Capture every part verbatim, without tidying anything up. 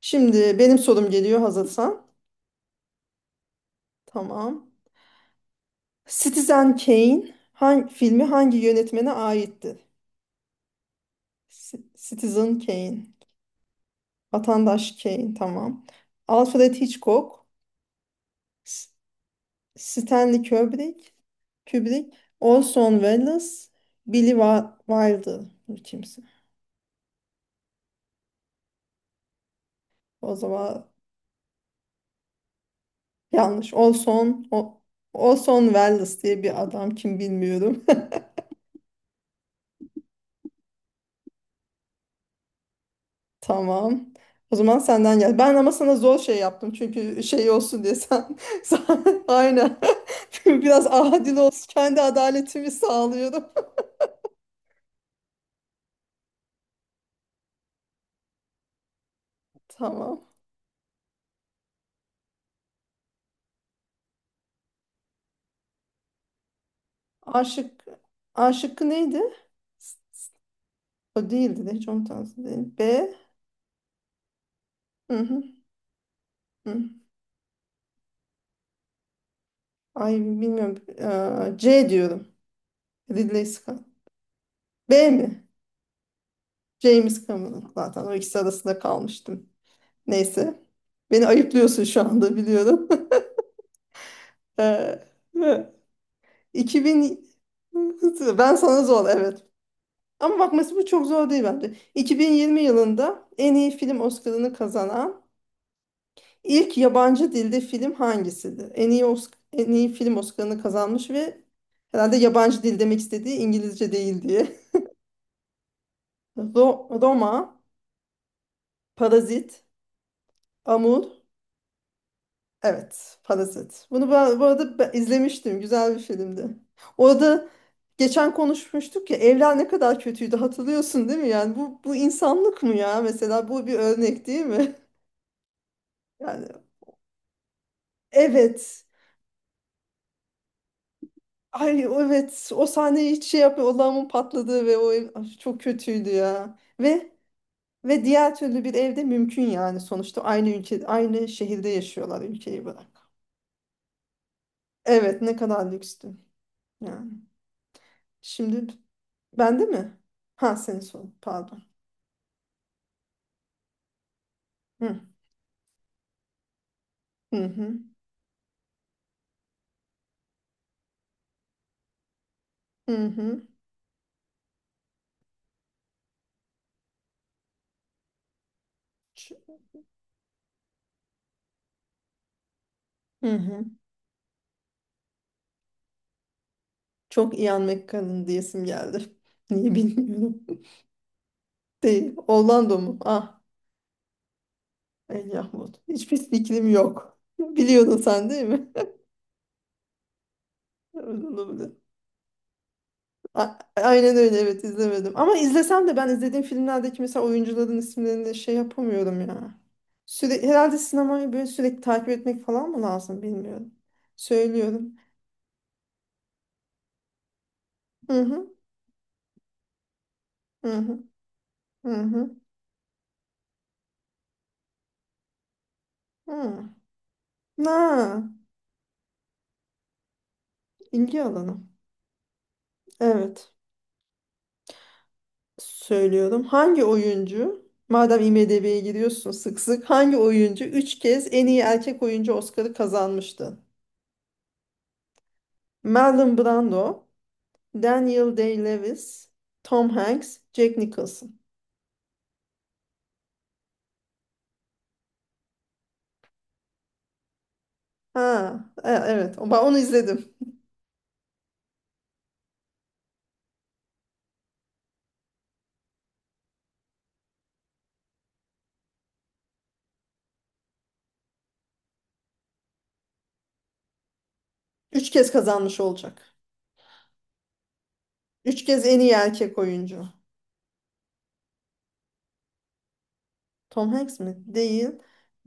Şimdi benim sorum geliyor hazırsan. Tamam. Citizen Kane hangi filmi hangi yönetmene aittir? C- Citizen Kane. Vatandaş Kane. Tamam. Alfred Hitchcock, S- Stanley Kubrick, Kubrick, Orson Welles, Billy Wa- Wilder. Bu kimse? O zaman yanlış. Orson, o, Orson Welles diye bir adam kim bilmiyorum. Tamam. O zaman senden gel. Ben ama sana zor şey yaptım. Çünkü şey olsun diye sen, sen aynen. Biraz adil olsun. Kendi adaletimi sağlıyorum. Tamam. A şıkkı, A şıkkı neydi? O değildi de hiç onun tarzı değil. B. Hı hı, hı. Ay bilmiyorum. Ee, C diyorum. Ridley Scott. B mi? James Cameron. Zaten o ikisi arasında kalmıştım. Neyse. Beni ayıplıyorsun şu anda biliyorum. Ee, iki bin ben sana zor evet. Ama bakması bu çok zor değil bence. iki bin yirmi yılında en iyi film Oscar'ını kazanan ilk yabancı dilde film hangisidir? En iyi Osc- en iyi film Oscar'ını kazanmış ve herhalde yabancı dil demek istediği İngilizce değil diye. Ro- Roma, Parazit, Amur, Evet, Parazit. Bunu ben bu arada ben izlemiştim. Güzel bir filmdi. Orada geçen konuşmuştuk ya evler ne kadar kötüydü hatırlıyorsun değil mi? Yani bu bu insanlık mı ya? Mesela bu bir örnek değil mi? Yani evet. Ay evet o sahneyi hiç şey yapıyor. O lağımın patladığı ve o ev Ay, çok kötüydü ya. Ve ve diğer türlü bir evde mümkün yani sonuçta aynı ülke aynı şehirde yaşıyorlar ülkeyi bırak. Evet ne kadar lükstü. Yani şimdi Bende mi? Ha senin son. Pardon. Hı hı hı hı. Hı Ç- hı. hı. Çok Ian McKellen diyesim geldi. Niye bilmiyorum. Değil. Orlando mu? Ah. El Yahmut. Hiçbir fikrim yok. Biliyordun sen değil mi? Öyle olabilir. A- Aynen öyle evet izlemedim. Ama izlesem de ben izlediğim filmlerdeki mesela oyuncuların isimlerini şey yapamıyorum ya. Süre, herhalde sinemayı böyle sürekli takip etmek falan mı lazım bilmiyorum. Söylüyorum. Hı hı hı hı hı. hı. Hmm. Ha, ilgi alanı. Evet. Söylüyorum. Hangi oyuncu, madem IMDb'ye giriyorsun sık sık, hangi oyuncu üç kez en iyi erkek oyuncu Oscar'ı kazanmıştı? Marlon Brando, Daniel Day-Lewis, Tom Hanks, Jack Nicholson. Ha, e- evet. Ben onu izledim. Üç kez kazanmış olacak. Üç kez en iyi erkek oyuncu. Tom Hanks mi? Değil.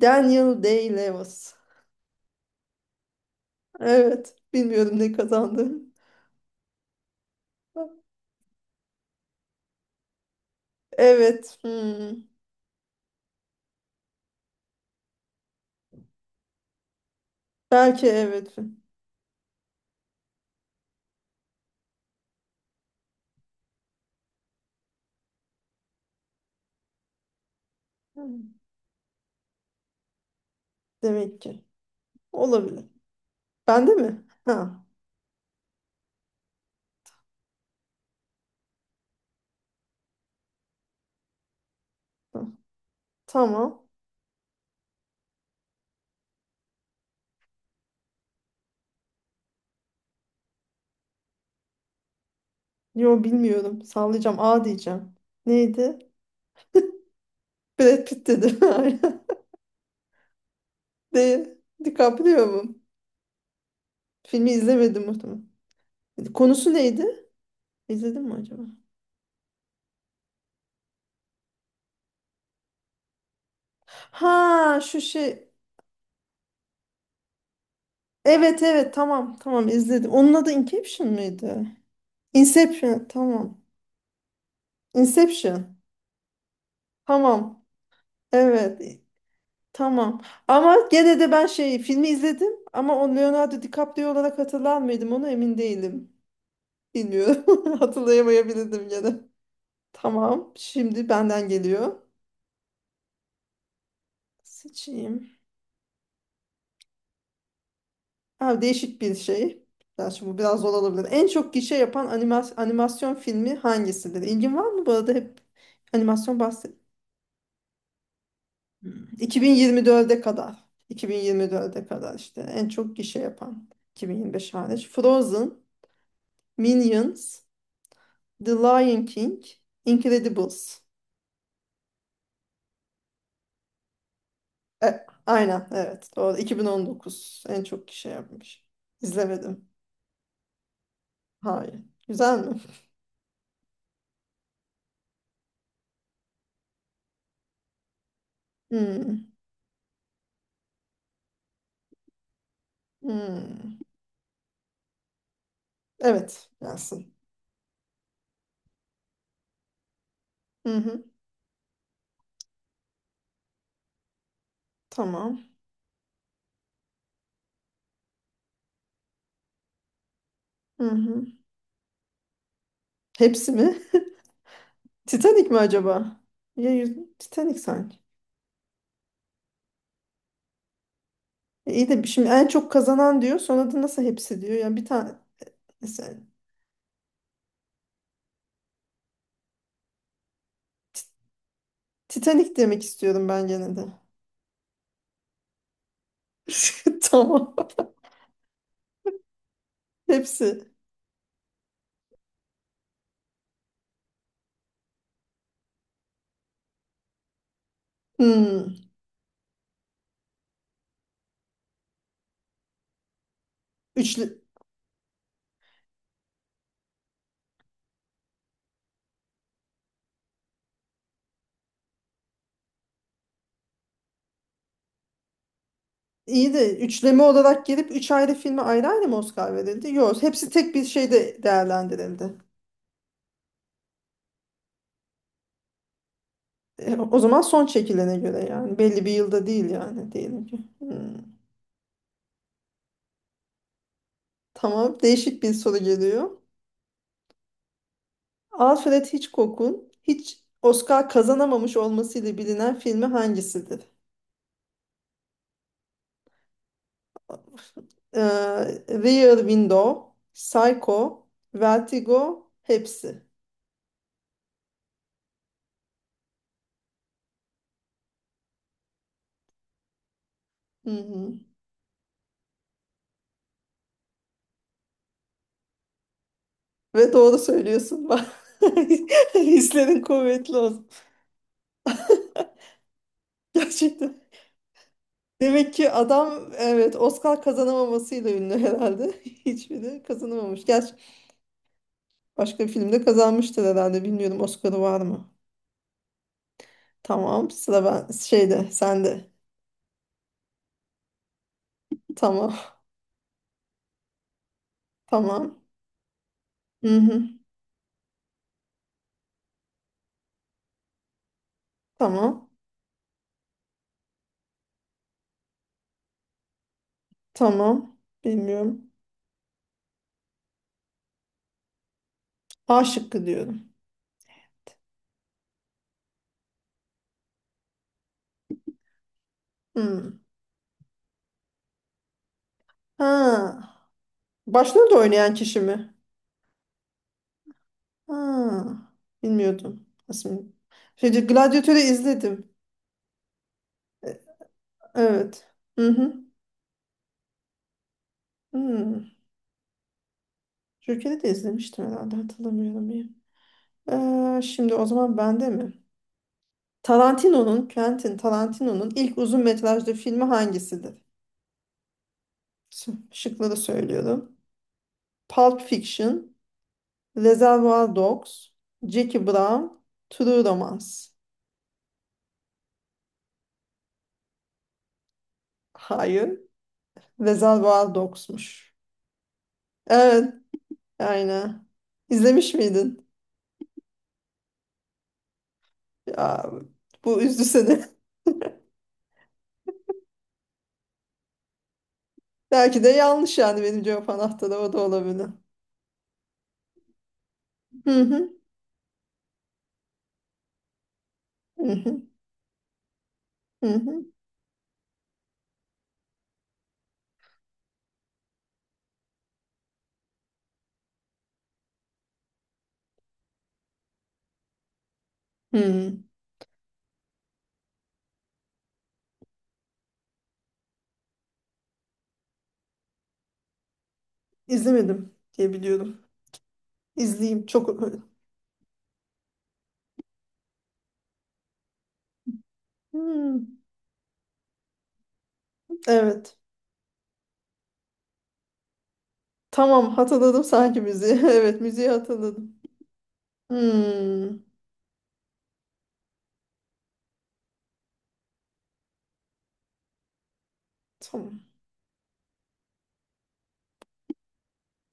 Daniel Day-Lewis. Evet. Bilmiyorum ne kazandı. Evet. Hmm. Belki evet. Hmm. Demek ki. Olabilir. Bende mi? Ha. ha. Tamam. Yo bilmiyorum. Sallayacağım. A diyeceğim. Neydi? Brad Pitt dedim. Aynen. Değil. DiCaprio mu? Filmi izlemedim muhtemelen. Konusu neydi? İzledim mi acaba? Ha şu şey. Evet evet tamam tamam izledim. Onun adı Inception mıydı? Inception tamam. Inception. Tamam. Evet. Tamam. Ama gene de ben şey filmi izledim ama o Leonardo DiCaprio olarak hatırlar mıydım onu emin değilim. Bilmiyorum. Hatırlayamayabilirdim gene. Tamam. Şimdi benden geliyor. Seçeyim. Ha, değişik bir şey. Ben şimdi bu biraz zor olabilir. En çok gişe yapan animas- animasyon filmi hangisidir? İlgin var mı bu arada hep animasyon bahset. Hmm. iki bin yirmi dörde kadar. iki bin yirmi dörde kadar işte en çok gişe yapan. iki bin yirmi beş hariç. Frozen, Minions, The Lion King, Incredibles. E, aynen evet doğru. iki bin on dokuz en çok kişi yapmış. İzlemedim. Hayır. Güzel mi? Hmm, hmm. Evet gelsin. Hı hı, tamam. Hı hı. Hepsi mi? Titanic mi acaba? Ya, yüz... Titanic sanki. E, iyi de şimdi en çok kazanan diyor. Sonra da nasıl hepsi diyor. Yani bir tane mesela Titanic demek istiyorum ben gene de. Tamam. Hepsi. Hmm. Üçlü. İyi de üçleme olarak gelip üç ayrı filme ayrı ayrı mı Oscar verildi? Yok, hepsi tek bir şeyde değerlendirildi. E, o zaman son çekilene göre yani belli bir yılda değil yani diyelim ki. Hmm. Tamam, değişik bir soru geliyor. Alfred Hitchcock'un hiç Oscar kazanamamış olmasıyla bilinen filmi hangisidir? Ee, Rear Window, Psycho, Vertigo, hepsi. Hı hı. Ve doğru söylüyorsun bak. Hislerin kuvvetli olsun. Gerçekten. Demek ki adam evet Oscar kazanamamasıyla ünlü herhalde. Hiçbiri kazanamamış. Gerçi başka bir filmde kazanmıştır herhalde. Bilmiyorum Oscar'ı var mı? Tamam. Sıra ben şeyde sende. Tamam. Tamam. Hı hı. Tamam. Tamam. Bilmiyorum. A şıkkı diyorum. Hı. Ha. Başrolde oynayan kişi mi? Ha. Bilmiyordum. Aslında. Şeyce Gladiatör'ü izledim. E, Evet. Hı hı. Hı. Joker'i de izlemiştim herhalde hatırlamıyorum iyi. Ee, şimdi o zaman bende mi? Tarantino'nun, Quentin Tarantino'nun ilk uzun metrajlı filmi hangisidir? Ş- Şıkları söylüyorum. Pulp Fiction, Reservoir Dogs, Jackie Brown, True Romance. Hayır, Reservoir Dogs'muş. Evet, aynen. İzlemiş miydin? Ya, bu üzdü seni. Belki de yanlış yani benim cevap anahtarı o da olabilir. Hı hı, hı hı, hı hı. hı. İzlemedim diye biliyorum. İzleyeyim çok. Hmm, evet. Tamam hatırladım sanki müziği. Evet müziği hatırladım. Hmm, tamam.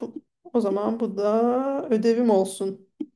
Bu, o zaman bu da ödevim olsun.